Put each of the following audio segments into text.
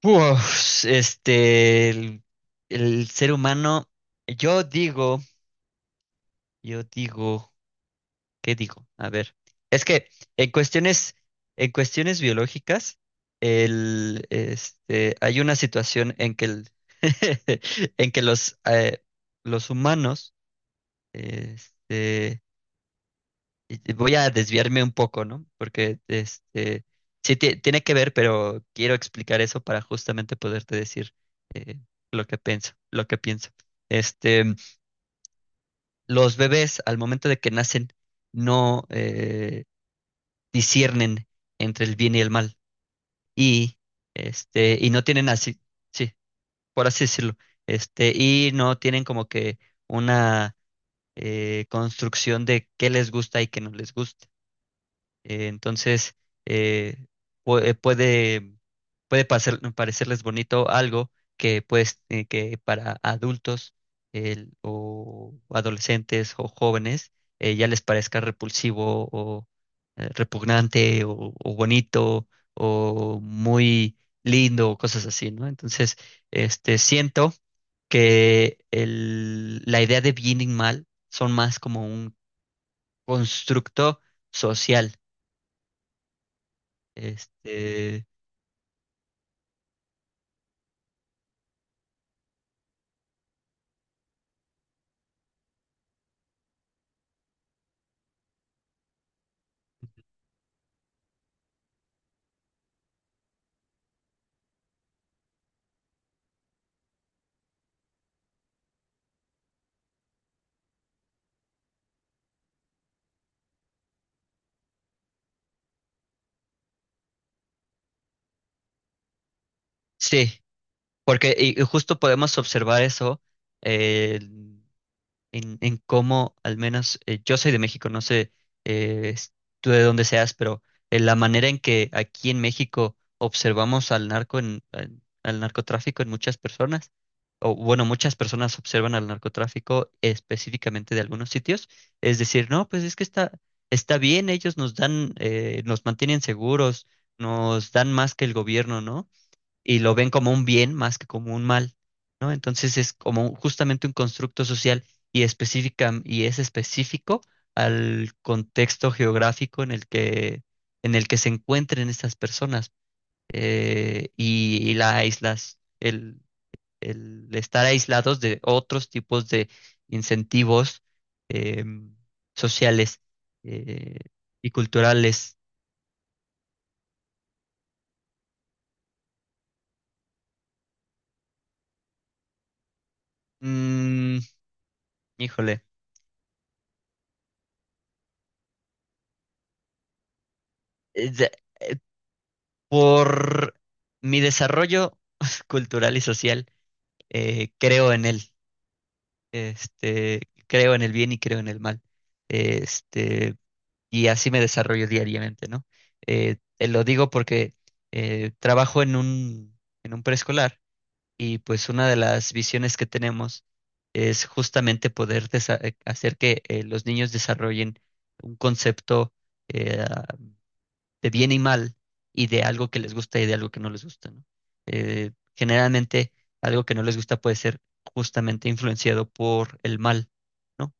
Pues, el ser humano, yo digo, yo digo, ¿qué digo? A ver, es que en cuestiones, en cuestiones biológicas, hay una situación en que en que los humanos, este, voy a desviarme un poco, ¿no? Porque tiene que ver, pero quiero explicar eso para justamente poderte decir eh, lo que pienso. Este, los bebés al momento de que nacen no disciernen entre el bien y el mal y y no tienen así, sí, por así decirlo, y no tienen como que una construcción de qué les gusta y qué no les gusta. Entonces, eh, pu- eh, puede, parecerles bonito algo que, pues, que para adultos o adolescentes o jóvenes ya les parezca repulsivo o repugnante o bonito o muy lindo o cosas así, ¿no? Entonces, siento que la idea de bien y mal son más como un constructo social. este, sí, porque y justo podemos observar eso eh, en cómo, al menos yo soy de México, no sé eh, s- tú de dónde seas, pero la manera en que aquí en México observamos al narco en, al narcotráfico en muchas personas, o bueno, muchas personas observan al narcotráfico específicamente de algunos sitios, es decir, no, pues es que está, está bien, ellos nos dan, nos mantienen seguros, nos dan más que el gobierno, ¿no? Y lo ven como un bien más que como un mal, ¿no? Entonces es como justamente un constructo social, y es específico al contexto geográfico en el que se encuentren estas personas. Y la aislas el estar aislados de otros tipos de incentivos, em, sociales eh, y culturales. Mm, híjole. Eh, ya- Por mi desarrollo cultural y social, creo en él. Este, creo en el bien y creo en el mal. Este, y así me desarrollo diariamente, ¿no? Te lo digo porque trabajo en en un preescolar y pues una de las visiones que tenemos es justamente poder hacer que los niños desarrollen un concepto eh, de bien y mal y de algo que les gusta y de algo que no les gusta, ¿no? Generalmente algo que no les gusta puede ser justamente influenciado por el mal, ¿no?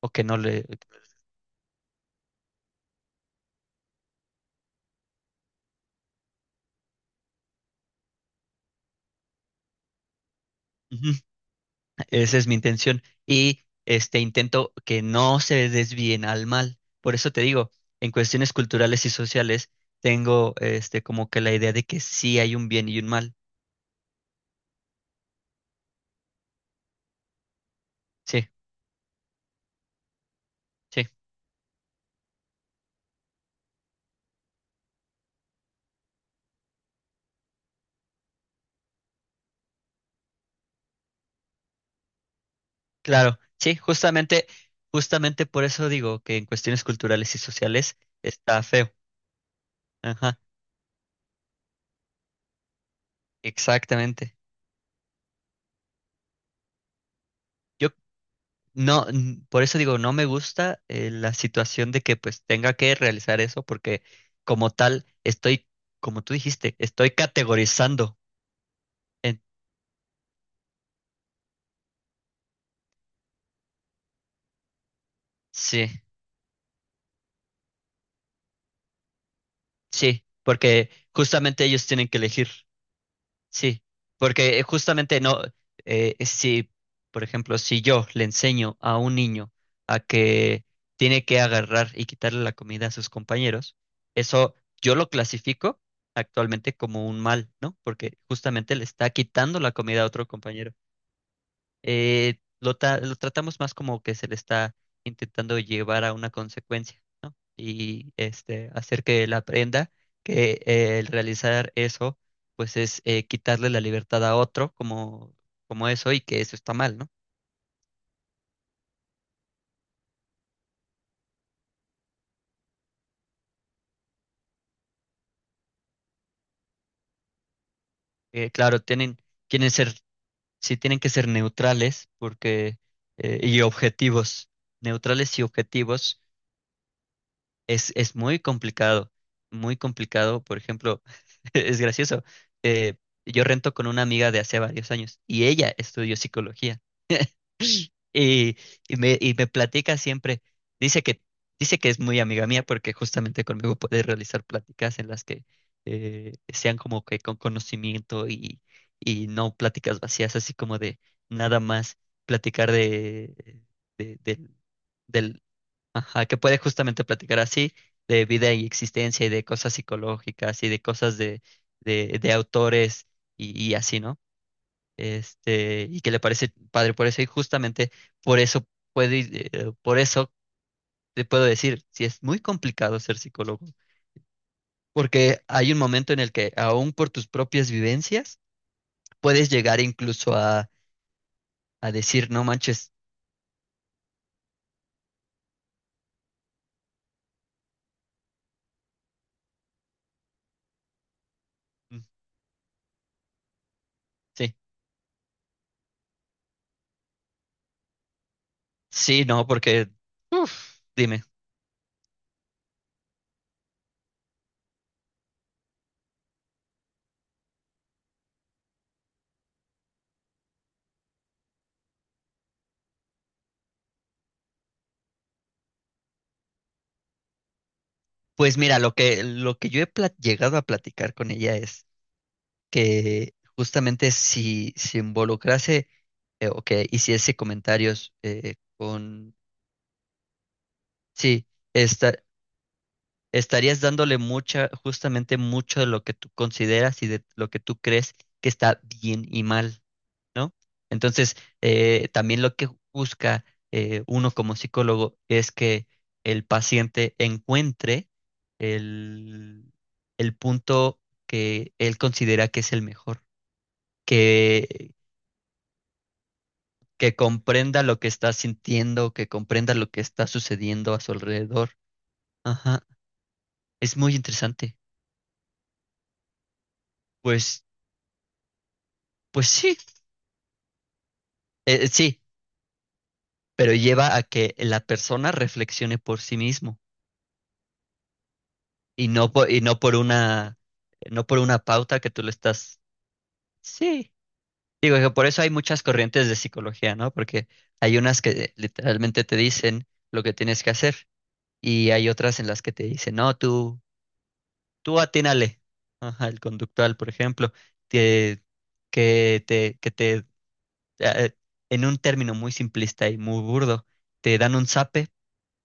O que no le... Ujú. Esa es mi intención. Y intento que no se desvíen al mal. Por eso te digo, en cuestiones culturales y sociales, tengo como que la idea de que sí hay un bien y un mal. Sí, sí, claro. Sí, justamente, justamente por eso digo que en cuestiones culturales y sociales está feo. Ajá, exactamente. Yo no, por eso digo, no me gusta la situación de que pues tenga que realizar eso, porque como tal, estoy, como tú dijiste, estoy categorizando. en- sí, sí, porque justamente ellos tienen que elegir. Sí, porque justamente no, si, por ejemplo, si yo le enseño a un niño a que tiene que agarrar y quitarle la comida a sus compañeros, eso yo lo clasifico actualmente como un mal, ¿no? Porque justamente le está quitando la comida a otro compañero. Lo tratamos más como que se le está intentando llevar a una consecuencia, ¿no? Y hacer que él aprenda que el realizar eso, pues es quitarle la libertad a otro como, como eso y que eso está mal, ¿no? Claro, tienen ser, sí tienen que ser neutrales porque, y objetivos, neutrales y objetivos. Es muy complicado, muy complicado. Por ejemplo, es gracioso. eh, yo rento con una amiga de hace varios años y ella estudió psicología y, y y me platica siempre, dice que, dice que es muy amiga mía porque justamente conmigo puede realizar pláticas en las que sean como que con conocimiento, y no pláticas vacías, así como de nada más platicar de, del del... Ajá, que puede justamente platicar así de vida y existencia y de cosas psicológicas y de cosas de autores, y así, ¿no? Y que le parece padre por eso y justamente por eso por eso te puedo decir, si es muy complicado ser psicólogo, porque hay un momento en el que aún por tus propias vivencias puedes llegar incluso a decir, no manches. Mm, sí, sí, no, porque, uff... Pues mira, lo que yo he llegado a platicar con ella es que justamente si se involucrase o que hiciese comentarios sí, esta- estarías dándole mucha, justamente mucho de lo que tú consideras y de lo que tú crees que está bien y mal, ¿no? Entonces, también lo que busca uno como psicólogo es que el paciente encuentre el, el punto que él considera que es el mejor, que, que comprenda lo que está sintiendo, que comprenda lo que está sucediendo a su alrededor. Ajá, es muy interesante. Pues, pues sí, sí, pero lleva a que la persona reflexione por sí mismo. Y no por una, no por una pauta que tú le estás. Sí. Digo que por eso hay muchas corrientes de psicología, ¿no? Porque hay unas que literalmente te dicen lo que tienes que hacer y hay otras en las que te dicen, no, tú atínale. Ajá, el conductual, por ejemplo, que, que te, eh, en un término muy simplista y muy burdo, te dan un zape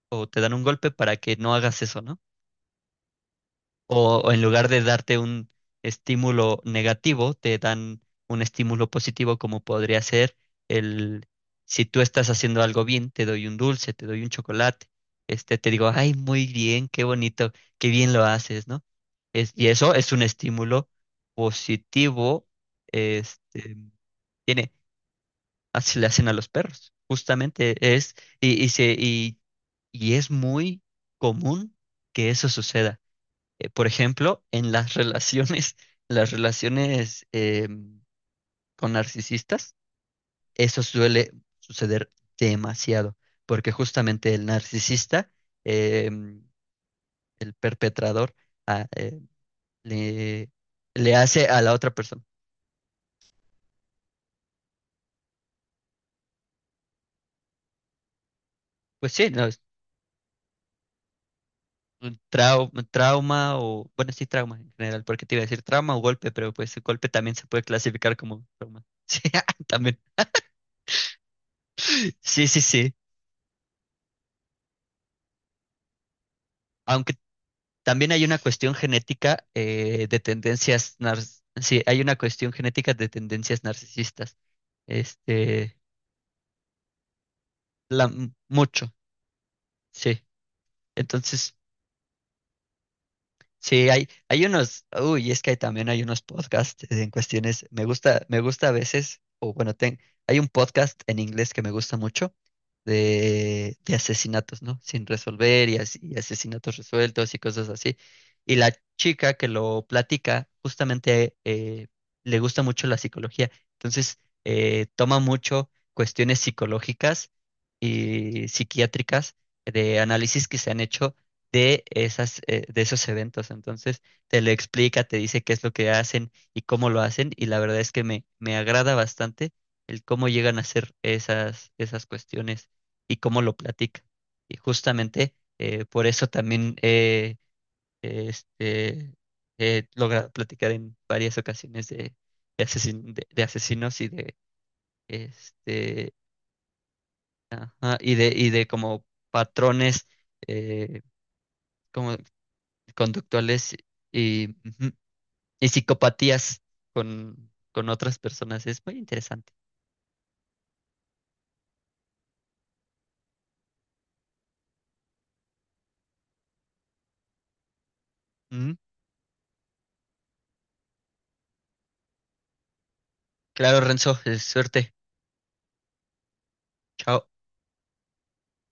o te dan un golpe para que no hagas eso, ¿no? O, o en lugar de darte un estímulo negativo, te dan un estímulo positivo como podría ser el, si tú estás haciendo algo bien, te doy un dulce, te doy un chocolate, te digo, ay, muy bien, qué bonito, qué bien lo haces, ¿no? Es, y eso es un estímulo positivo. este, tiene, Así le hacen a los perros, justamente es, y, y se, y, y es muy común que eso suceda por ejemplo, en las relaciones, las relaciones con narcisistas, eso suele suceder demasiado, porque justamente el narcisista, eh, el perpetrador, ah, eh, le, le hace a la otra persona. Pues sí, no, es un trauma o, bueno, sí, trauma en general, porque te iba a decir trauma o golpe, pero pues el golpe también se puede clasificar como trauma. Sí, también. Sí, sí, sí. aunque También hay una cuestión genética de sí, hay una cuestión genética de tendencias narcisistas. Este, la, Mucho, sí. Entonces, sí, hay unos, uy, es que también hay unos podcasts en cuestiones, me gusta a veces, o bueno, ten, hay un podcast en inglés que me gusta mucho de asesinatos, ¿no? Sin resolver y, y asesinatos resueltos y cosas así. Y la chica que lo platica, justamente le gusta mucho la psicología, entonces toma mucho cuestiones psicológicas y psiquiátricas de análisis que se han hecho de esas, de esos eventos. Entonces, te lo explica, te dice qué es lo que hacen y cómo lo hacen, y la verdad es que me agrada bastante el cómo llegan a hacer esas, esas cuestiones y cómo lo platica. Y justamente por eso también este, he logrado platicar en varias ocasiones de asesinos y de este ajá, y de como patrones eh, como conductuales y, ujú, y psicopatías con otras personas. Es muy interesante. Ujú. Claro, Renzo, suerte. Chao.